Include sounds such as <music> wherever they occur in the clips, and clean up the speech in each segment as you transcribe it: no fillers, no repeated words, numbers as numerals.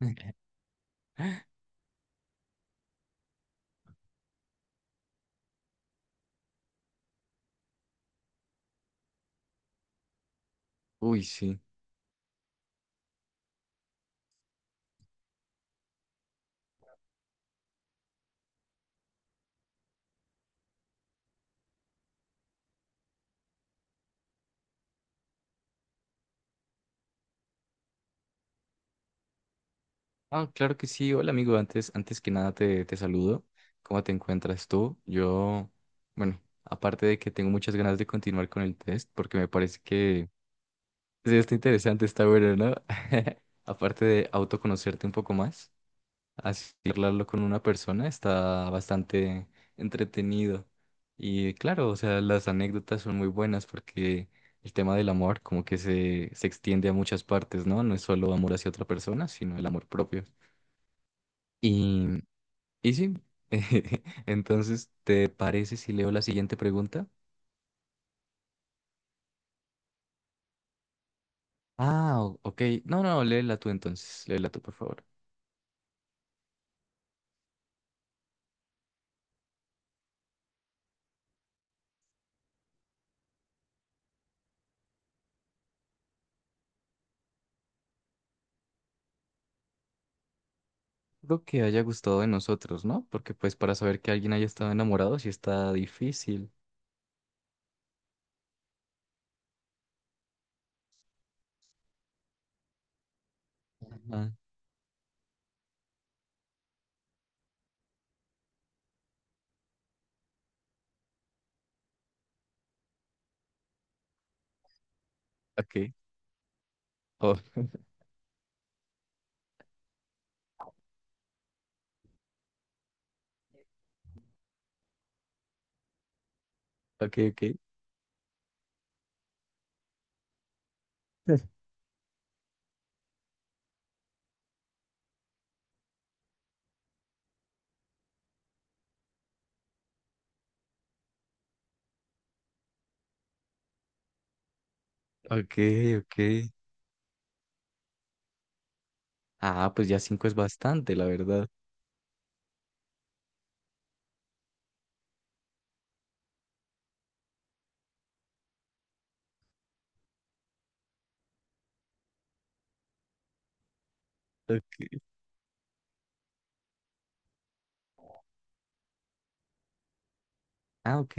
<laughs> Uy, sí. Ah, claro que sí. Hola, amigo. Antes que nada te saludo. ¿Cómo te encuentras tú? Yo, bueno, aparte de que tengo muchas ganas de continuar con el test, porque me parece que sí, está interesante, está bueno, ¿no? <laughs> Aparte de autoconocerte un poco más. Así hablarlo con una persona está bastante entretenido. Y claro, o sea, las anécdotas son muy buenas porque el tema del amor como que se extiende a muchas partes, ¿no? No es solo amor hacia otra persona, sino el amor propio. Y, y sí, <laughs> entonces, ¿te parece si leo la siguiente pregunta? Ah, ok. No, no, léela tú entonces, léela tú, por favor. Lo que haya gustado de nosotros, ¿no? Porque pues para saber que alguien haya estado enamorado sí está difícil. Ah, ok. Oh, ok, ok. <laughs> Ok, ok. Ah, pues ya cinco es bastante, la verdad. Ok. Ah, ok.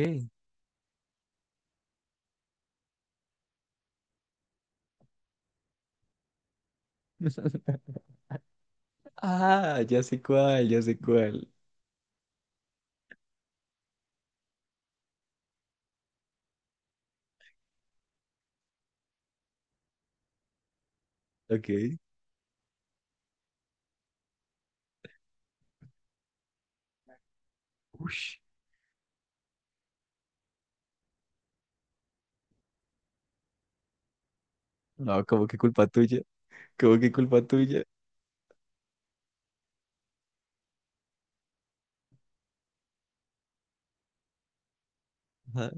<laughs> Ah, ya sé cuál, ya sé cuál. Ok. Ush. No, como que culpa tuya. Como que culpa tuya. Ajá.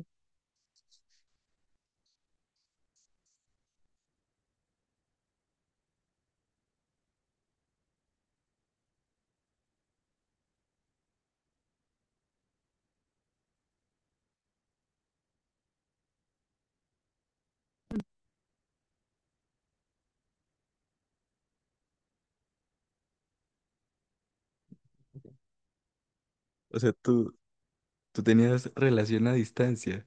O sea, tú tenías relación a distancia.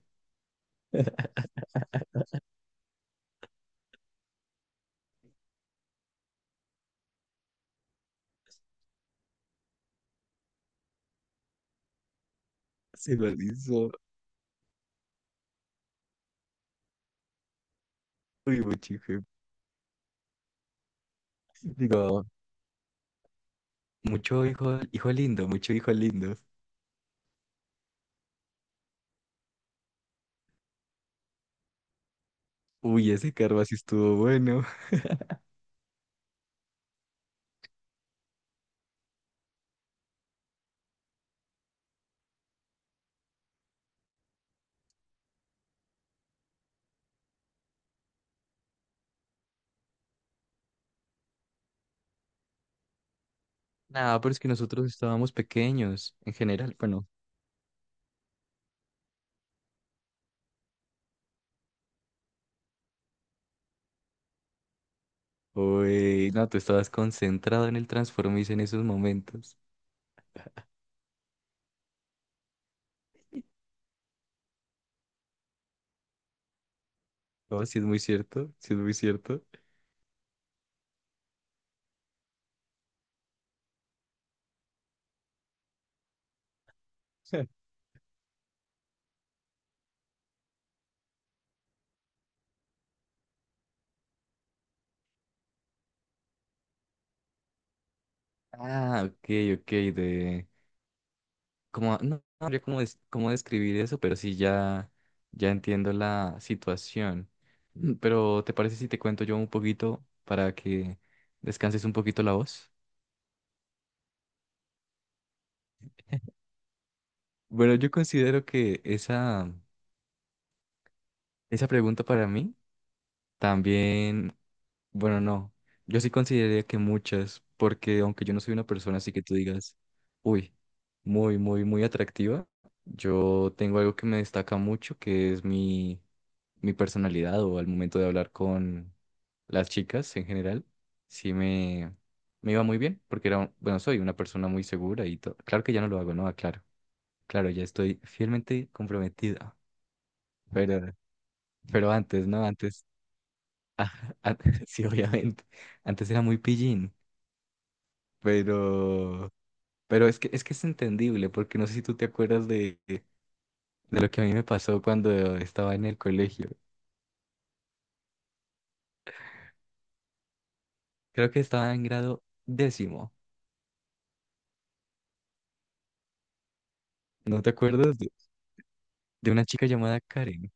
Se lo hizo. Uy, mucho hijo. Digo, mucho hijo, hijo lindo, mucho hijo lindo. Uy, ese karma sí estuvo bueno. <laughs> Nada, pero es que nosotros estábamos pequeños, en general. Bueno, uy, no, tú estabas concentrado en el Transformice en esos momentos. Oh, sí es muy cierto, sí es muy cierto. <laughs> Ah, ok, ok, de... Como, no, no habría cómo, cómo describir eso, pero sí ya, ya entiendo la situación. Pero, ¿te parece si te cuento yo un poquito para que descanses un poquito la voz? Bueno, yo considero que esa pregunta para mí también bueno, no. Yo sí consideraría que muchas, porque aunque yo no soy una persona así que tú digas, uy, muy, muy, muy atractiva, yo tengo algo que me destaca mucho, que es mi personalidad o al momento de hablar con las chicas en general, sí me, me iba muy bien, porque soy una persona muy segura y todo. Claro que ya no lo hago, ¿no? Claro, claro, ya estoy fielmente comprometida, pero, pero antes, ¿no? Antes, <laughs> ah, an- sí, obviamente, antes era muy pillín. Pero, pero es que es entendible, porque no sé si tú te acuerdas de lo que a mí me pasó cuando estaba en el colegio. Creo que estaba en grado décimo. ¿No te acuerdas de una chica llamada Karen?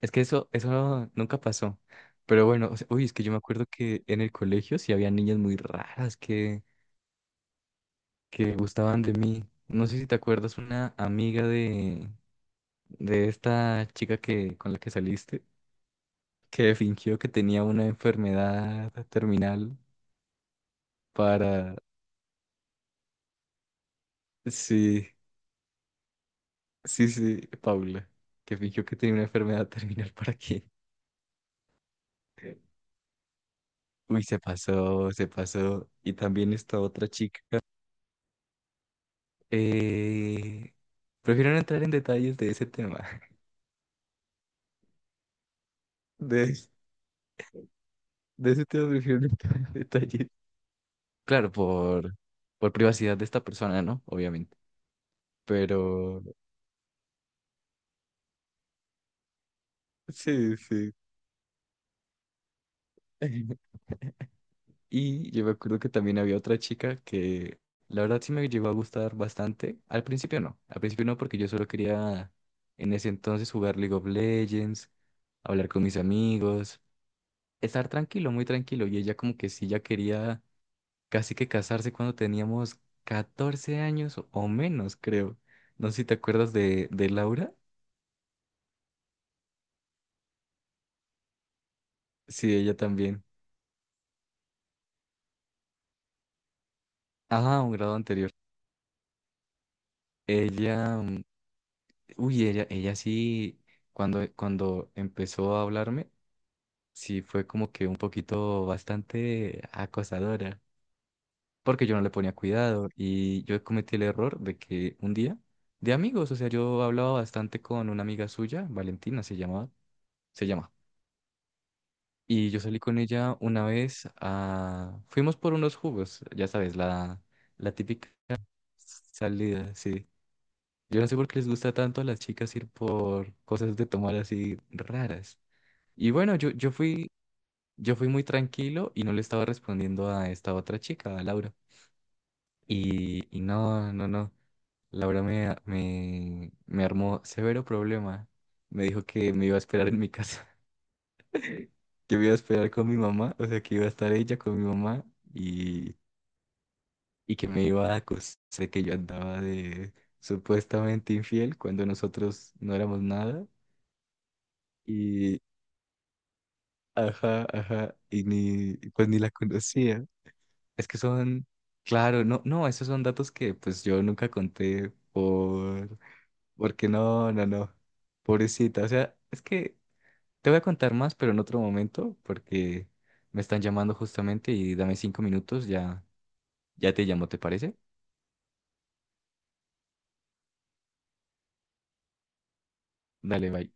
Es que eso nunca pasó. Pero bueno, o sea, uy, es que yo me acuerdo que en el colegio sí había niñas muy raras que gustaban de mí. No sé si te acuerdas una amiga de esta chica que, con la que saliste, que fingió que tenía una enfermedad terminal. Para... Sí, sí, sí, Paula, que fingió que tenía una enfermedad <laughs> terminal para... que... Uy, se pasó, se pasó. Y también esta otra chica. Eh, Prefiero no entrar en detalles de ese tema. <laughs> De, de ese tema prefiero no <laughs> entrar en detalles. Claro, por privacidad de esta persona, ¿no? Obviamente. Pero sí, sí. <laughs> Y yo me acuerdo que también había otra chica que la verdad sí me llegó a gustar bastante. Al principio no porque yo solo quería en ese entonces jugar League of Legends, hablar con mis amigos, estar tranquilo, muy tranquilo. Y ella como que sí ya quería casi que casarse cuando teníamos 14 años o menos, creo. No sé si te acuerdas de Laura. Sí, ella también. Ajá, un grado anterior. Ella, mm, uy, ella sí, cuando empezó a hablarme. Sí fue como que un poquito bastante acosadora, porque yo no le ponía cuidado y yo cometí el error de que un día, de amigos, o sea, yo hablaba bastante con una amiga suya, Valentina se llamaba, se llama, y yo salí con ella una vez a, fuimos por unos jugos, ya sabes, la típica salida, sí. Yo no sé por qué les gusta tanto a las chicas ir por cosas de tomar así raras. Y bueno, yo, yo fui muy tranquilo y no le estaba respondiendo a esta otra chica, a Laura. Y no, no, no. Laura me armó severo problema. Me dijo que me iba a esperar en mi casa, <laughs> que me iba a esperar con mi mamá, o sea, que iba a estar ella con mi mamá y, y que me iba a acusar de que yo andaba de supuestamente infiel cuando nosotros no éramos nada. Y, ajá, ajá, y ni, pues ni la conocía. Es que son, claro, no, no, esos son datos que pues yo nunca conté por, porque no, no, no, pobrecita, o sea, es que te voy a contar más, pero en otro momento, porque me están llamando justamente y dame 5 minutos, ya, ya te llamo, ¿te parece? Dale, bye.